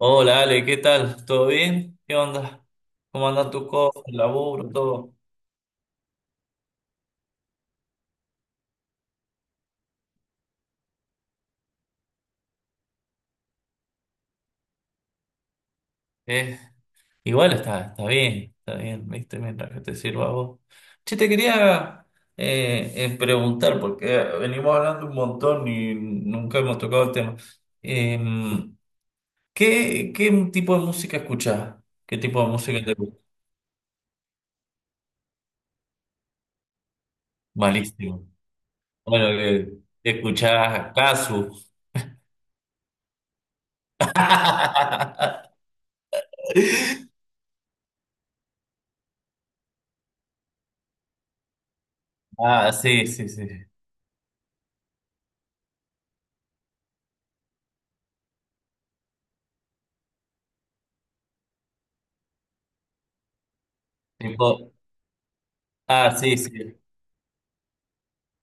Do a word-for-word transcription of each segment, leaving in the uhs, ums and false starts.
Hola Ale, ¿qué tal? ¿Todo bien? ¿Qué onda? ¿Cómo anda tus cosas, el laburo, todo? Eh, igual está, está bien, está bien, ¿viste? Mientras que te sirva a vos. Che, te quería eh, eh, preguntar, porque venimos hablando un montón y nunca hemos tocado el tema. Em, ¿qué, qué tipo de música escuchás? ¿Qué tipo de música te gusta? Malísimo. Bueno, que escuchás Casu. Ah, sí, sí, sí. Tipo, ah, sí, sí.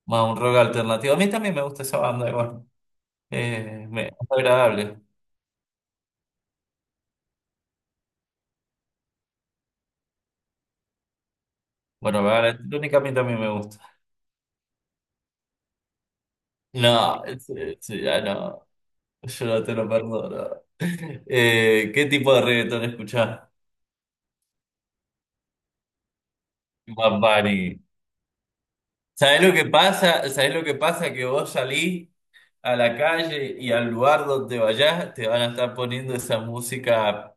Más un rock alternativo. A mí también me gusta esa banda, igual. Eh, me, es agradable. Bueno, la banda electrónica a mí también me gusta. No, sí, sí, ya no. Yo no te lo perdono. Eh, ¿qué tipo de reggaetón escuchás? Bad Bunny. ¿Sabés lo que pasa? ¿Sabés lo que pasa? Que vos salís a la calle y al lugar donde vayas te van a estar poniendo esa música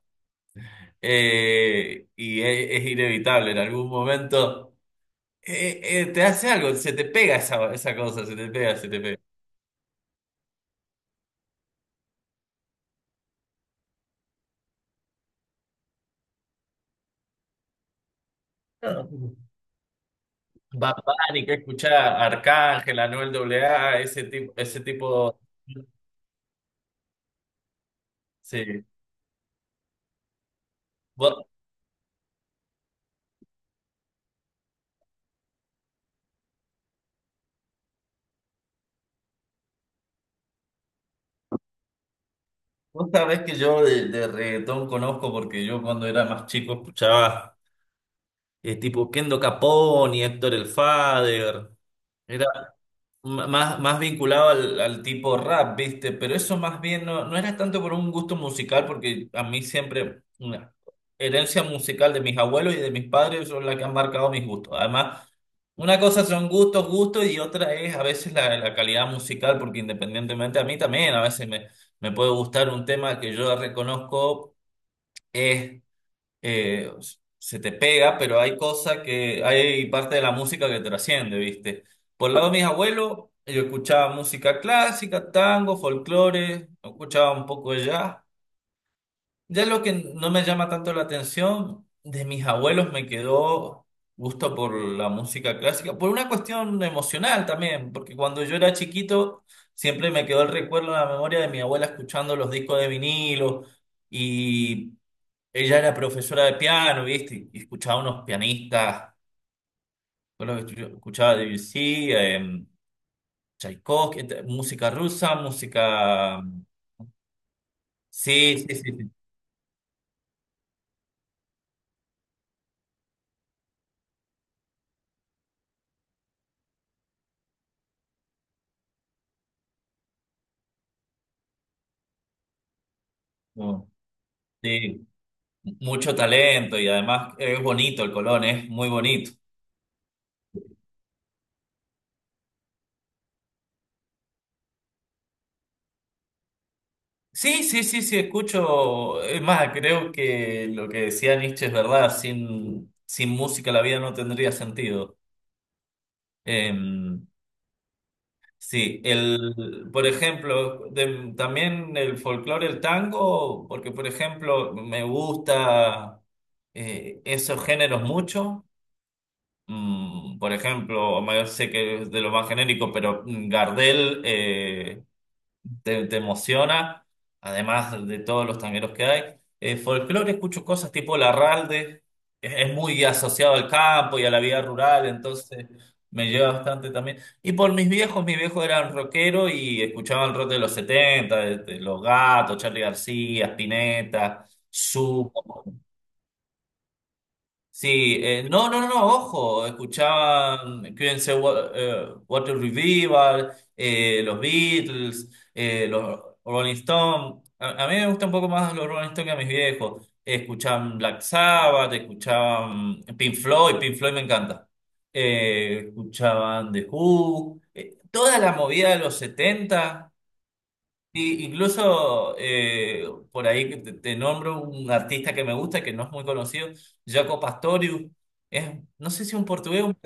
eh, y es, es inevitable. En algún momento. Eh, eh, te hace algo, se te pega esa, esa cosa, se te pega, se te pega. Bad Bunny, que escuchar Arcángel, Anuel A A, ese tipo, ese tipo. Sí. Vos, vos sabés que yo de, de reggaetón conozco porque yo cuando era más chico escuchaba eh, tipo Kendo Capone, Héctor el Father. M- Más, más vinculado al, al tipo rap, ¿viste? Pero eso más bien no, no era tanto por un gusto musical, porque a mí siempre una herencia musical de mis abuelos y de mis padres son las que han marcado mis gustos. Además, una cosa son gustos, gustos, y otra es a veces la, la calidad musical, porque independientemente a mí también, a veces me, me puede gustar un tema que yo reconozco es eh, se te pega, pero hay cosas que, hay parte de la música que trasciende, ¿viste? Por el lado de mis abuelos, yo escuchaba música clásica, tango, folclore, escuchaba un poco de jazz. Ya lo que no me llama tanto la atención, de mis abuelos me quedó gusto por la música clásica, por una cuestión emocional también, porque cuando yo era chiquito siempre me quedó el recuerdo en la memoria de mi abuela escuchando los discos de vinilo. Y ella era profesora de piano, ¿viste? Y escuchaba unos pianistas, con lo que yo escuchaba de Debussy, eh, Tchaikovsky, ent- música rusa, música... mm, sí, sí, sí, sí. No, sí, mucho talento y además eh, es bonito el Colón, es muy bonito. Sí, sí, sí, sí, escucho. Es más, creo que lo que decía Nietzsche es verdad, sin, sin música la vida no tendría sentido. Eh, Sí, el, por ejemplo, de- también el folclore, el tango, porque por ejemplo me gusta eh, esos géneros mucho. Mm, por ejemplo, Omar, sé que es de lo más genérico, pero mm, Gardel eh, te, te emociona, además de todos los tangueros que hay. Eh, folclore escucho cosas tipo Larralde, es, es muy asociado al campo y a la vida rural, entonces me lleva bastante también. Y por mis viejos, mis viejos eran rockeros y escuchaban rock de los setenta, de, de Los Gatos, Charly García, Spinetta, sí, eh, no, no, no, no, ojo, escuchaba, mm, Queen's Wa- eh, Water Revival, eh, los Beatles, eh, los Rolling Stones. A, a mí me gusta un poco más los Rolling Stones que a mis viejos. Escuchaban Black Sabbath, escuchaban Pink Floyd, Pink Floyd me encanta. Eh, escuchaban The Who, eh, toda la movida de los setenta. Sí, incluso eh, por ahí que te, te nombro un artista que me gusta, que no es muy conocido, Jaco Pastorius, es, no sé si un portugués, un,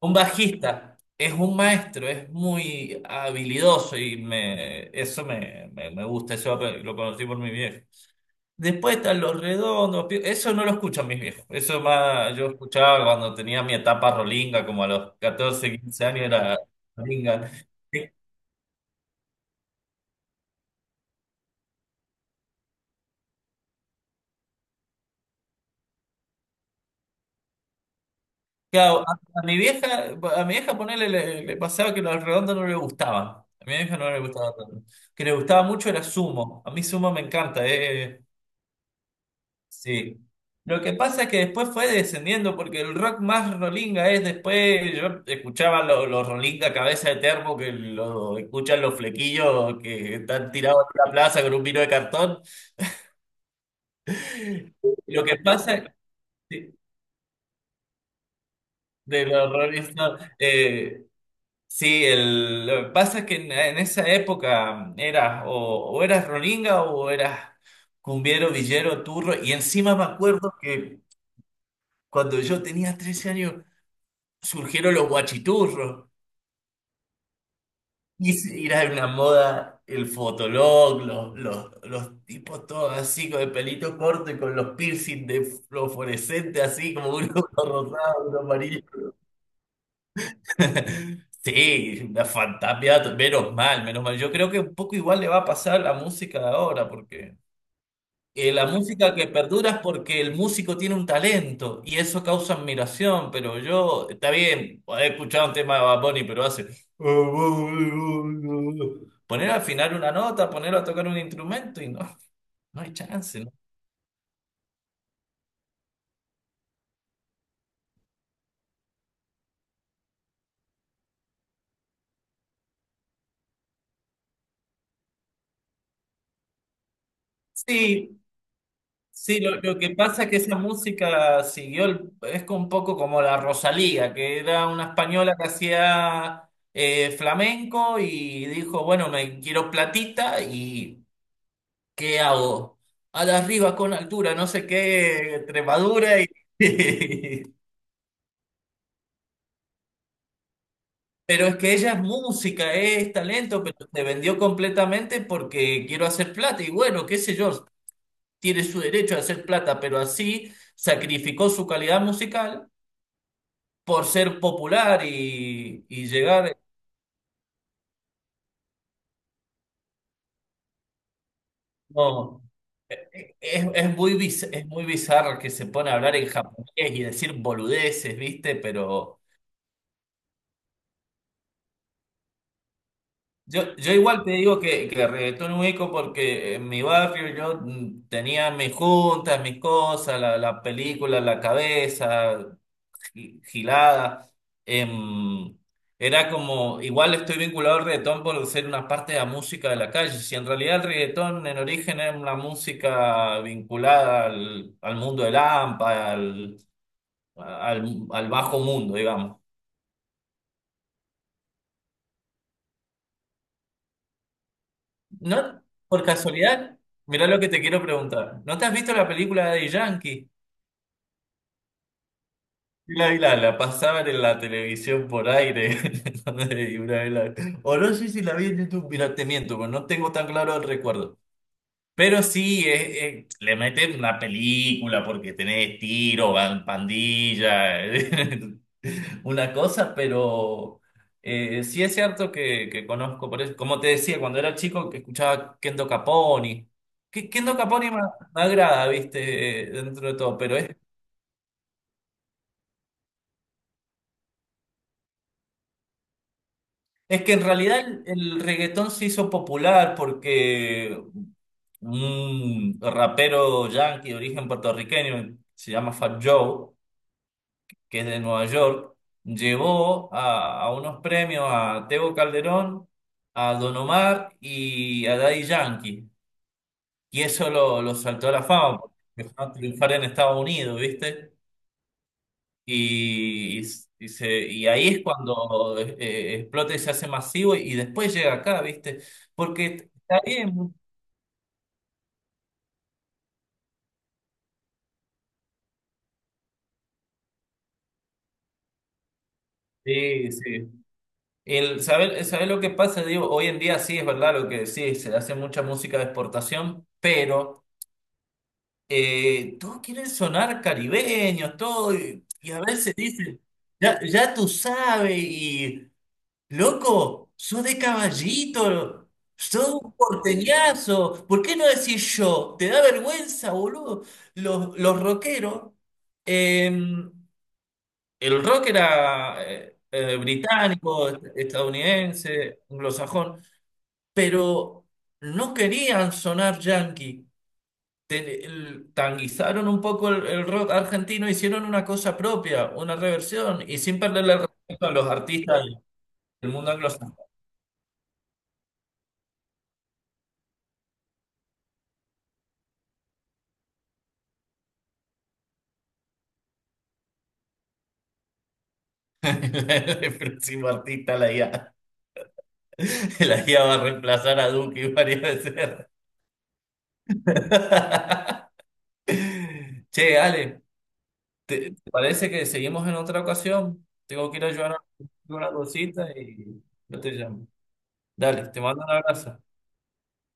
un bajista, es un maestro, es muy habilidoso y me, eso me, me, me gusta, eso lo conocí por mi viejo. Después están Los Redondos, Pi- eso no lo escuchan mis viejos, eso más yo escuchaba cuando tenía mi etapa rolinga, como a los catorce quince años era rolinga. Claro, a, a mi vieja, a mi vieja ponerle le, le pasaba que los redondos no le gustaban. A mi vieja no le gustaba tanto. Que le gustaba mucho era sumo. A mí sumo me encanta, eh. Sí. Lo que pasa es que después fue descendiendo, porque el rock más rolinga es después. Yo escuchaba los los rolinga cabeza de termo, que lo escuchan los flequillos que están tirados en la plaza con un vino de cartón. Lo que pasa es que- de los Rolling Stones, eh, sí, el, lo que pasa es que en, en esa época eras o, o eras rolinga o eras cumbiero, villero, turro. Y encima me acuerdo que cuando yo tenía trece años surgieron los guachiturros. Y se- era una moda el fotolog, los, los, los tipos todos así con el pelito corto y con los piercing de fluorescente así como uno rosado, uno amarillo. Sí, una fantasía, menos mal, menos mal. Yo creo que un poco igual le va a pasar a la música de ahora, porque eh, la música que perdura es porque el músico tiene un talento y eso causa admiración, pero yo, está bien, he escuchado un tema de Bad Bunny, pero hace... Poner al final una nota, ponerlo a tocar un instrumento y no, no hay chance, ¿no? Sí, sí, lo, lo que pasa es que esa música siguió, el- es como un poco como la Rosalía, que era una española que hacía eh, flamenco y dijo, bueno, me quiero platita y ¿qué hago? A la arriba con altura, no sé qué, tremadura y... Pero es que ella es música, es talento, pero se vendió completamente porque quiero hacer plata y bueno, qué sé yo, tiene su derecho a hacer plata, pero así sacrificó su calidad musical por ser popular y, y llegar. No, es, es muy, biz- es muy bizarro que se pone a hablar en japonés y decir boludeces, ¿viste? Pero yo, yo igual te digo que, que reggaetón ubico porque en mi barrio yo mm, tenía mis juntas, mis cosas, la, la película en la cabeza. Gi- gilada. em, Era como, igual estoy vinculado al reggaetón por ser una parte de la música de la calle. Si en realidad el reggaetón en origen es una música vinculada al, al mundo del hampa, al, al, al bajo mundo, digamos. ¿No? Por casualidad, mirá lo que te quiero preguntar. ¿No te has visto la película de Yankee? La, la, la pasaban en la televisión por aire. Y una vez la- o no sé si la vi en YouTube. Mira, te miento, pero no tengo tan claro el recuerdo. Pero sí, es- es- le meten una película porque tenés tiro, van pandilla, una cosa, pero eh, sí es cierto que, que conozco, por eso, como te decía, cuando era chico que escuchaba Kendo Caponi. Que Kendo Caponi me, me agrada, viste, eh, dentro de todo, pero es, es que en realidad el, el reggaetón se hizo popular porque un rapero yankee de origen puertorriqueño, se llama Fat Joe, que es de Nueva York, llevó a, a unos premios a Tego Calderón, a Don Omar y a Daddy Yankee. Y eso lo, lo saltó a la fama, porque empezó a triunfar en Estados Unidos, ¿viste? Y, y, y se, y ahí es cuando eh, eh, explota y se hace masivo y después llega acá, ¿viste? Porque está bien. Sí, sí. El saber, saber lo que pasa, digo, hoy en día sí es verdad lo que decís, se hace mucha música de exportación, pero eh, todos quieren sonar caribeños, todo, y, y a veces dicen, ya, ya tú sabes, y loco, sos de Caballito, sos un porteñazo, ¿por qué no decís yo? ¿Te da vergüenza, boludo? Los, los rockeros, eh, el rock era eh, eh, británico, estadounidense, anglosajón, pero no querían sonar yankee te- el- tanguizaron un poco el, el rock argentino, hicieron una cosa propia, una reversión, y sin perderle el respeto a los artistas del mundo anglosajón. El próximo artista, la I A, la I A va a reemplazar a Duki varias veces. Che, Ale, ¿te, te parece que seguimos en otra ocasión? Tengo que ir a ayudar a una cosita y yo te llamo. Dale, te mando un abrazo.